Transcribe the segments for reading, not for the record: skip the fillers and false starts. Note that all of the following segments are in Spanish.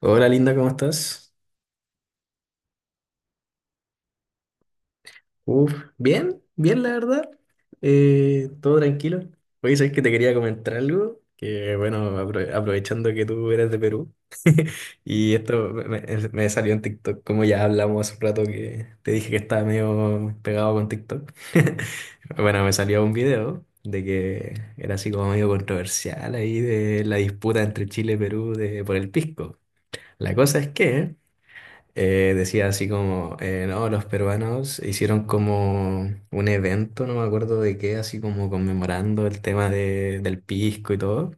Hola Linda, ¿cómo estás? Uf, bien la verdad. Todo tranquilo. Oye, sabes que te quería comentar algo, que bueno, aprovechando que tú eres de Perú, y esto me salió en TikTok, como ya hablamos hace un rato que te dije que estaba medio pegado con TikTok. Bueno, me salió un video de que era así como medio controversial ahí de la disputa entre Chile y Perú de, por el pisco. La cosa es que... decía así como, no, los peruanos hicieron como un evento, no me acuerdo de qué, así como conmemorando el tema del pisco y todo,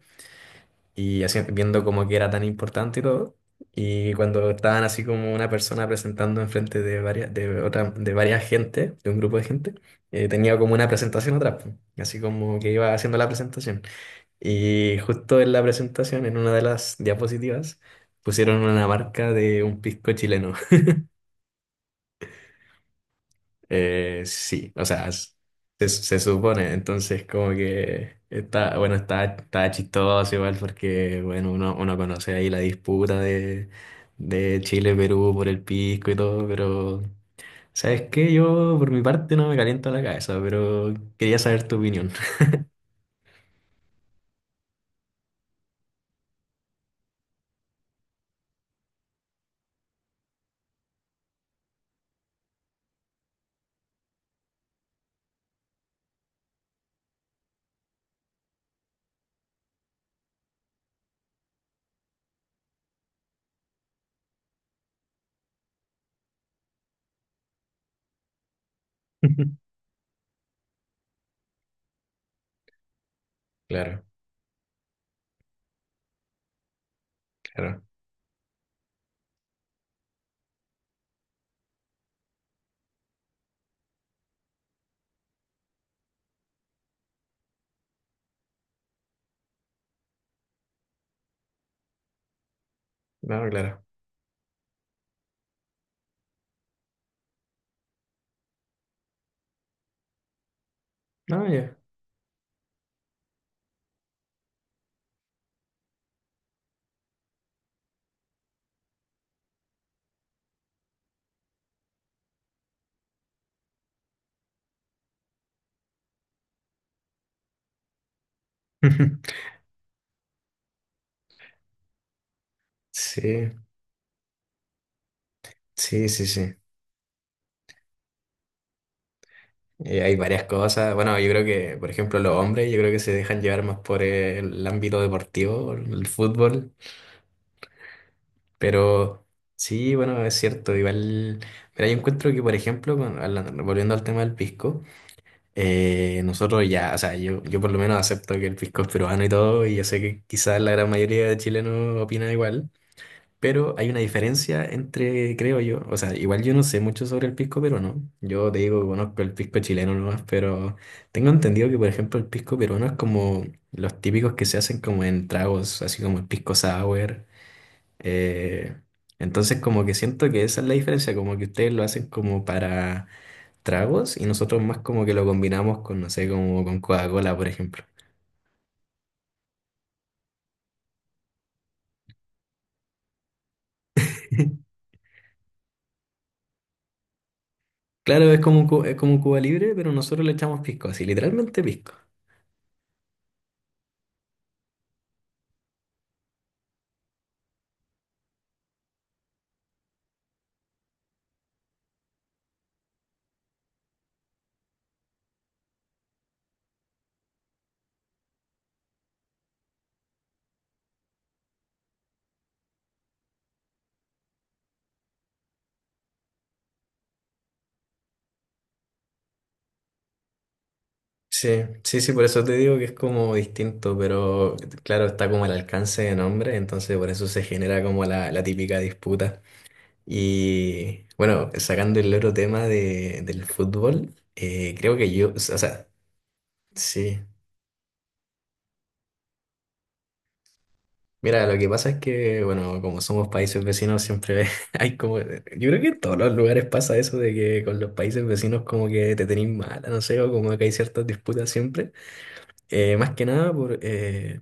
y así viendo como que era tan importante y todo. Y cuando estaban así como una persona presentando enfrente de varias, de otra, de varias gente, de un grupo de gente, tenía como una presentación atrás, po, así como que iba haciendo la presentación. Y justo en la presentación, en una de las diapositivas, pusieron una marca de un pisco chileno. Sí, o sea, se, se supone, entonces como que está, bueno, está, está chistoso igual porque, bueno, uno conoce ahí la disputa de Chile-Perú por el pisco y todo, pero, ¿sabes qué? Yo por mi parte no me caliento la cabeza, pero quería saber tu opinión. Claro, claro, no, claro, no, ya. Sí, sí, sí, sí. Hay varias cosas. Bueno, yo creo que, por ejemplo, los hombres, yo creo que se dejan llevar más por el ámbito deportivo, el fútbol. Pero sí, bueno, es cierto. Igual, pero yo encuentro que, por ejemplo, volviendo al tema del pisco, nosotros ya, o sea, yo por lo menos acepto que el pisco es peruano y todo, y yo sé que quizás la gran mayoría de chilenos opina igual. Pero hay una diferencia entre, creo yo, o sea, igual yo no sé mucho sobre el pisco peruano. Yo te digo, que conozco el pisco chileno nomás, pero tengo entendido que, por ejemplo, el pisco peruano es como los típicos que se hacen como en tragos, así como el pisco sour. eh, entonces, como que siento que esa es la diferencia, como que ustedes lo hacen como para tragos y nosotros más como que lo combinamos con, no sé, como con Coca-Cola, por ejemplo. Claro, es como, es como un Cuba Libre, pero nosotros le echamos pisco, así, literalmente pisco. Sí, sí, sí, por eso te digo que es como distinto, pero claro, está como el alcance de nombre, entonces por eso se genera como la típica disputa. Y bueno, sacando el otro tema de, del fútbol, creo que yo, o sea, sí. Mira, lo que pasa es que, bueno, como somos países vecinos, siempre hay como, yo creo que en todos los lugares pasa eso de que con los países vecinos como que te tenéis mala, no sé, o como que hay ciertas disputas siempre. Más que nada por,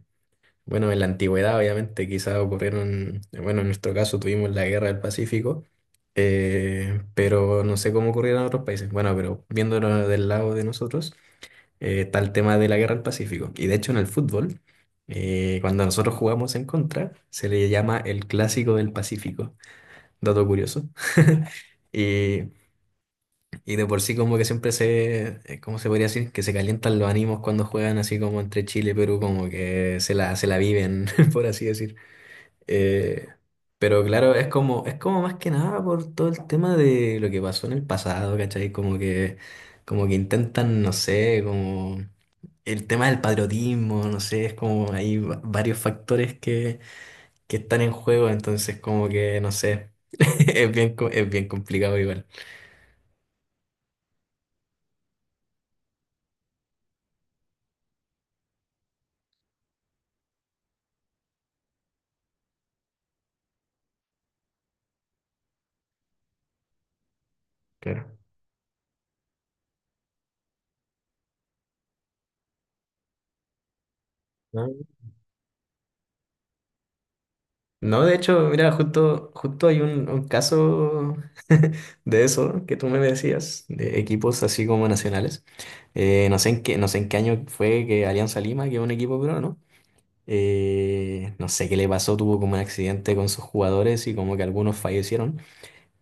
Bueno, en la antigüedad, obviamente, quizás ocurrieron, bueno, en nuestro caso tuvimos la guerra del Pacífico, pero no sé cómo ocurrieron en otros países. Bueno, pero viéndolo del lado de nosotros, está el tema de la guerra del Pacífico. Y de hecho, en el fútbol, cuando nosotros jugamos en contra, se le llama el clásico del Pacífico. Dato curioso. Y, y de por sí como que siempre se, ¿cómo se podría decir? Que se calientan los ánimos cuando juegan así como entre Chile y Perú, como que se la viven, por así decir. Eh, pero claro, es como más que nada por todo el tema de lo que pasó en el pasado, ¿cachai? Como que intentan, no sé, como el tema del patriotismo, no sé, es como hay varios factores que están en juego, entonces como que, no sé, es es bien complicado igual. Claro. No, de hecho, mira, justo hay un caso de eso que tú me decías, de equipos así como nacionales. No sé en qué año fue que Alianza Lima, que es un equipo peruano, ¿no? Eh, no sé qué le pasó, tuvo como un accidente con sus jugadores y como que algunos fallecieron.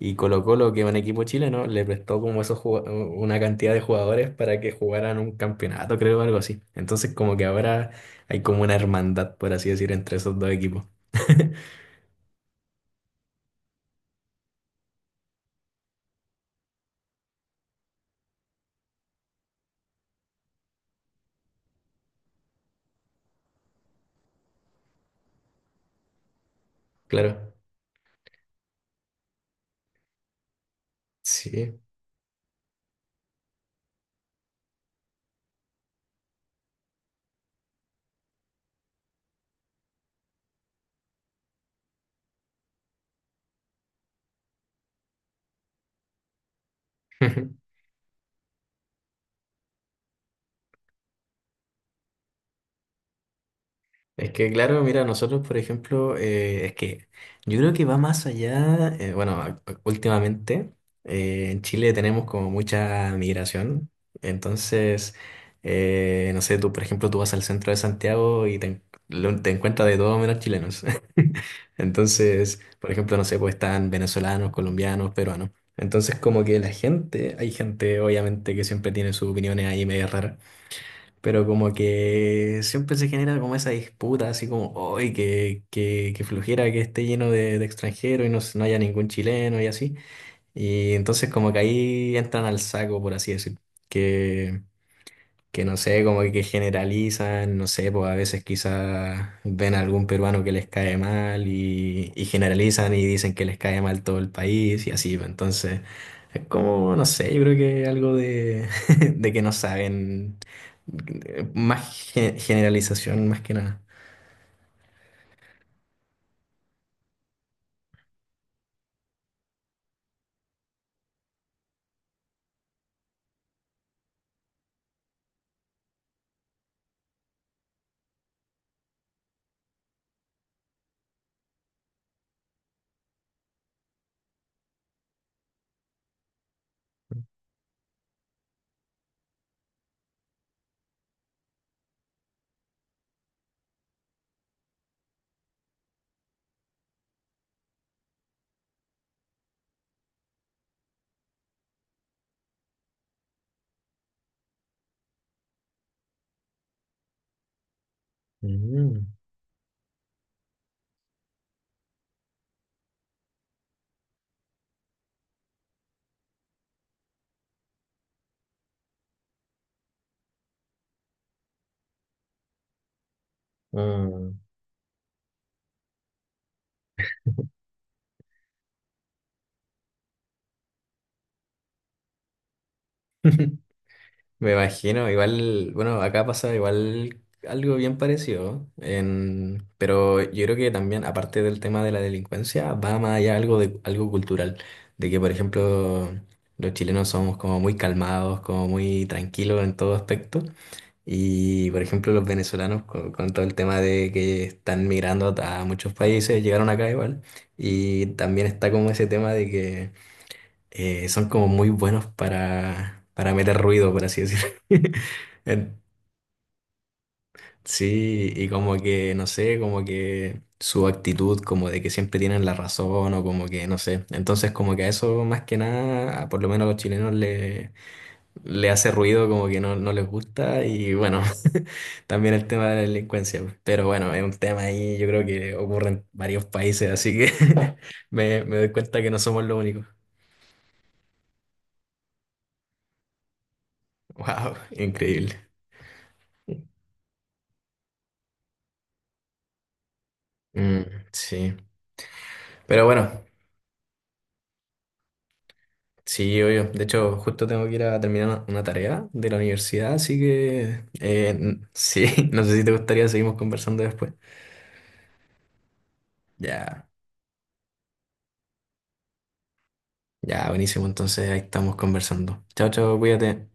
Y Colo Colo, que es un equipo chileno, le prestó como esos una cantidad de jugadores para que jugaran un campeonato, creo, algo así. Entonces como que ahora hay como una hermandad, por así decir, entre esos dos equipos. Claro. Sí. Es que, claro, mira, nosotros, por ejemplo, es que yo creo que va más allá, bueno, últimamente en Chile tenemos como mucha migración, entonces, no sé, tú, por ejemplo, tú vas al centro de Santiago y te, te encuentras de todo menos chilenos. Entonces, por ejemplo, no sé, pues están venezolanos, colombianos, peruanos. Entonces, como que la gente, hay gente, obviamente, que siempre tiene sus opiniones ahí medio raras. Pero como que siempre se genera como esa disputa, así como, ¡ay, que flojera que esté lleno de extranjeros y no, no haya ningún chileno y así! Y entonces como que ahí entran al saco, por así decir, que, que no sé, como que generalizan, no sé, pues a veces quizás ven a algún peruano que les cae mal y generalizan y dicen que les cae mal todo el país y así, pues, entonces es como, no sé, yo creo que algo de, de que no saben, más generalización más que nada. Mm, mm. Me imagino, igual, bueno, acá pasa igual algo bien parecido, pero yo creo que también, aparte del tema de la delincuencia, va más allá algo de algo cultural, de que, por ejemplo, los chilenos somos como muy calmados, como muy tranquilos en todo aspecto, y, por ejemplo, los venezolanos con todo el tema de que están migrando a muchos países, llegaron acá igual, y también está como ese tema de que son como muy buenos para meter ruido, por así decirlo. En- Sí, y como que, no sé, como que su actitud, como de que siempre tienen la razón o como que, no sé. Entonces, como que a eso más que nada, a por lo menos a los chilenos le, le hace ruido, como que no, no les gusta. Y bueno, también el tema de la delincuencia, pues. Pero bueno, es un tema ahí, yo creo que ocurre en varios países, así que me doy cuenta que no somos los únicos. Wow, increíble. Mm, sí, pero bueno, sí, obvio. De hecho, justo tengo que ir a terminar una tarea de la universidad, así que sí, no sé si te gustaría, seguimos conversando después. Ya, ya, buenísimo, entonces ahí estamos conversando. Chao, chao, cuídate.